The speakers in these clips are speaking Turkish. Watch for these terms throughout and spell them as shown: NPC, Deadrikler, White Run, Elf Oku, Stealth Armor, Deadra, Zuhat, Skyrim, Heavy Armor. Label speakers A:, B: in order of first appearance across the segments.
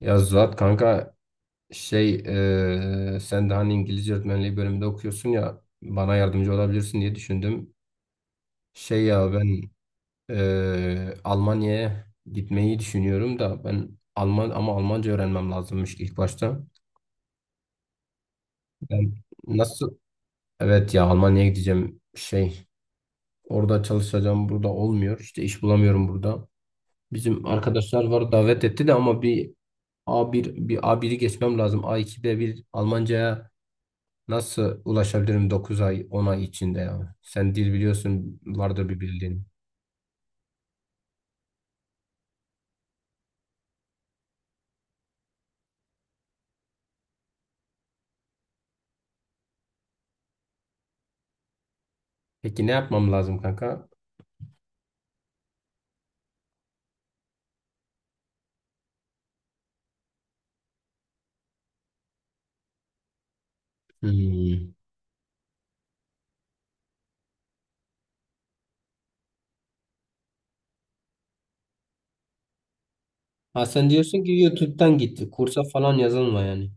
A: Ya Zuhat kanka, sen de hani İngilizce öğretmenliği bölümünde okuyorsun ya, bana yardımcı olabilirsin diye düşündüm. Ben Almanya'ya gitmeyi düşünüyorum da, ben Alman ama Almanca öğrenmem lazımmış ilk başta. Ben nasıl Evet ya, Almanya'ya gideceğim, orada çalışacağım, burada olmuyor işte, iş bulamıyorum burada. Bizim arkadaşlar var, davet etti de, ama bir a bir a biri geçmem lazım, A2 B1 Almanca'ya. Nasıl ulaşabilirim 9 ay 10 ay içinde ya? Sen dil biliyorsun, vardır bir bildiğin. Peki ne yapmam lazım kanka? Hmm. Ha, sen diyorsun ki YouTube'dan gitti. Kursa falan yazılma yani.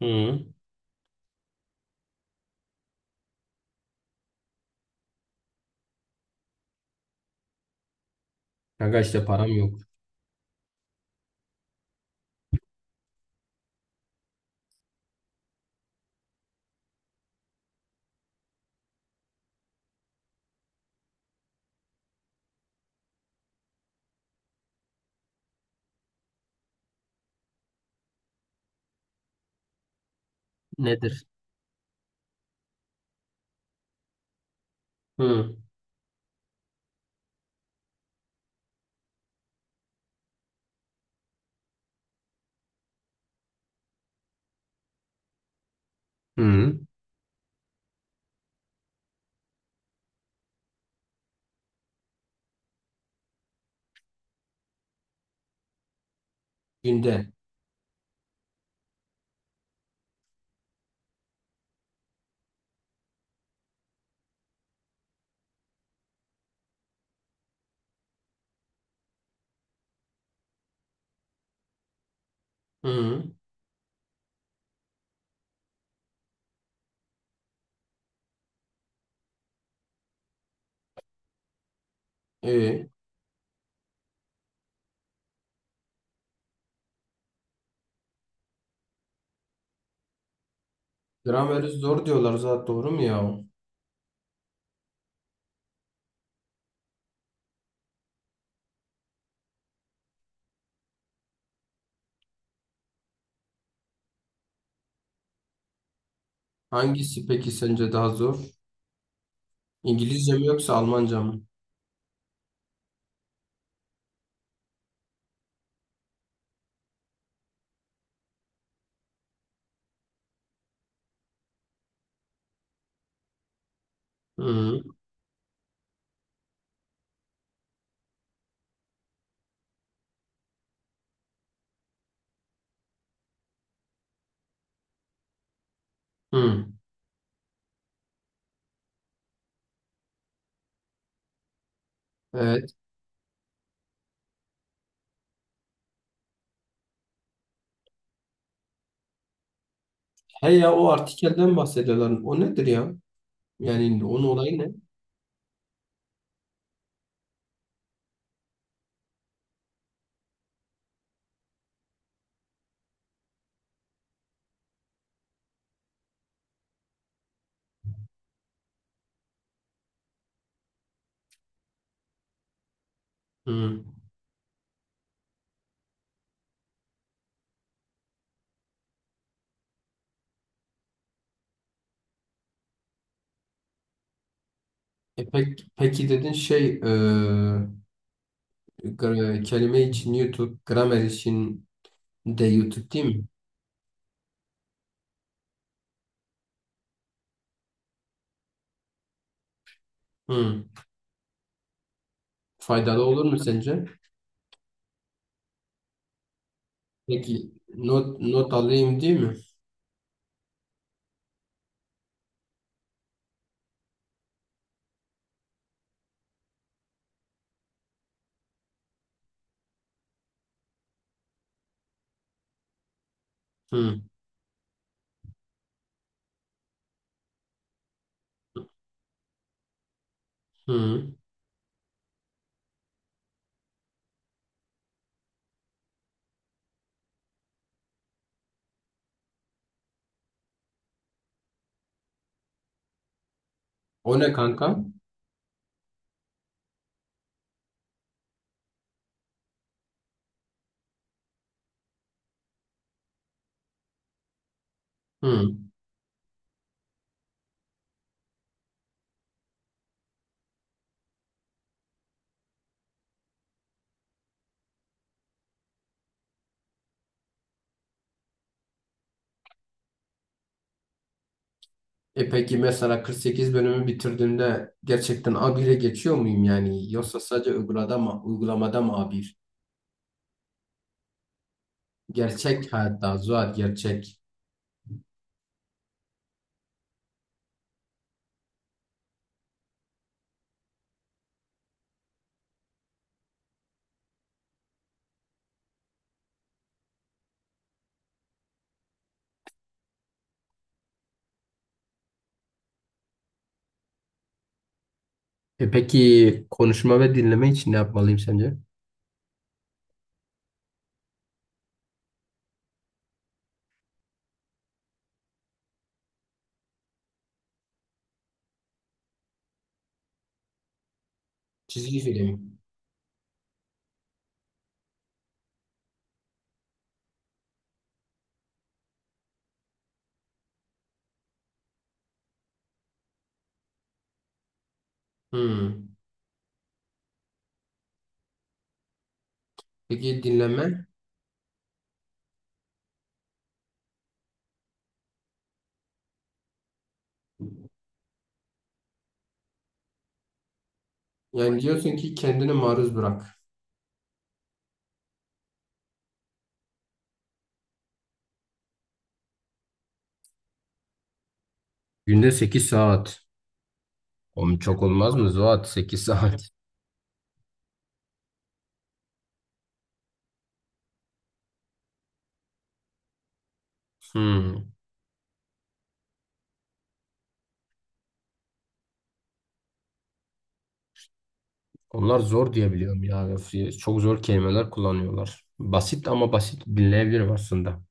A: Hı. Kanka işte param yok. Nedir? Hı. Hı. Günde. Hı. E, grameri zor diyorlar zaten, doğru mu ya? Hangisi peki sence daha zor? İngilizce mi yoksa Almanca mı? Hı. Hı. Evet. He ya, o artikelden bahsediyorlar. O nedir ya? Yani onun olayı ne? Hı. Peki dedin, kelime için YouTube, gramer için de YouTube, değil mi? Hı. Faydalı olur mu sence? Peki not alayım değil mi? Hı. Hı. O ne kanka? Hı. Peki mesela 48 bölümü bitirdiğimde gerçekten A1'e geçiyor muyum yani? Yoksa sadece uygulamada mı, uygulamada mı A1? Gerçek hayatta Zuhal, gerçek. Peki konuşma ve dinleme için ne yapmalıyım sence? Çizgi film. Hmm. Peki dinlenme? Yani diyorsun ki kendini maruz bırak. Günde 8 saat. Oğlum çok olmaz mı Zuhat? 8 saat. Hmm. Onlar zor diye biliyorum ya. Öf ya. Çok zor kelimeler kullanıyorlar. Basit ama, basit dinleyebilirim aslında.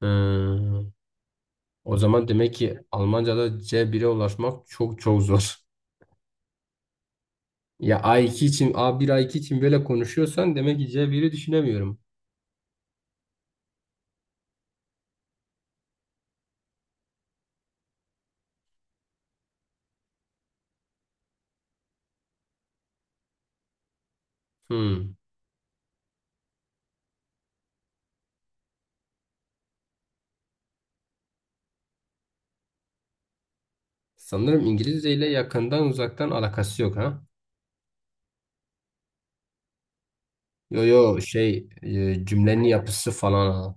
A: Hmm. O zaman demek ki Almanca'da C1'e ulaşmak çok çok zor. Ya A2 için, A1 A2 için böyle konuşuyorsan demek ki C1'i düşünemiyorum. Hmm. Sanırım İngilizce ile yakından uzaktan alakası yok, ha. Yo yo, cümlenin yapısı falan, ha.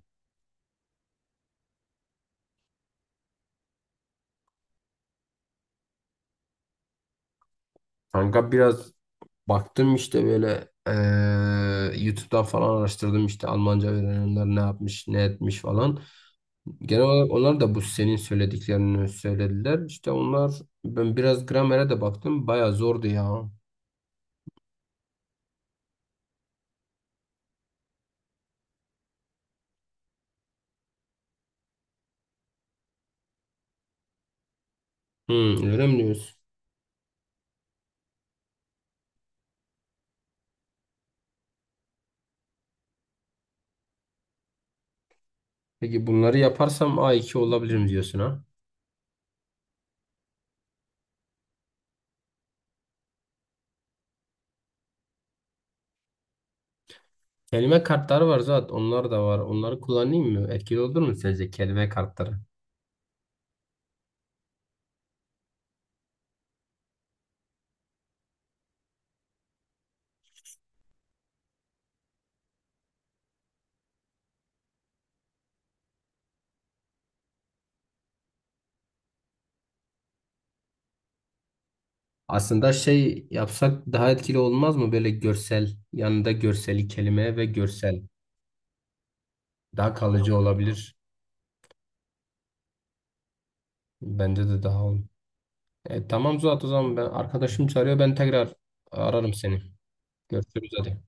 A: Kanka biraz baktım işte, böyle e, YouTube'dan falan araştırdım, işte Almanca öğrenenler ne yapmış ne etmiş falan. Genel olarak onlar da bu senin söylediklerini söylediler. İşte onlar, ben biraz gramere de baktım, baya zordu ya. Hmm, öyle mi diyorsun? Peki bunları yaparsam A2 olabilirim diyorsun ha? Kelime kartları var zaten, onlar da var. Onları kullanayım mı? Etkili olur mu sence, kelime kartları? Aslında şey yapsak daha etkili olmaz mı? Böyle görsel, yanında görseli, kelime ve görsel daha kalıcı olabilir. Bence de daha olur. Tamam Zuhat, o zaman ben, arkadaşım çağırıyor, ben tekrar ararım seni. Görüşürüz hadi.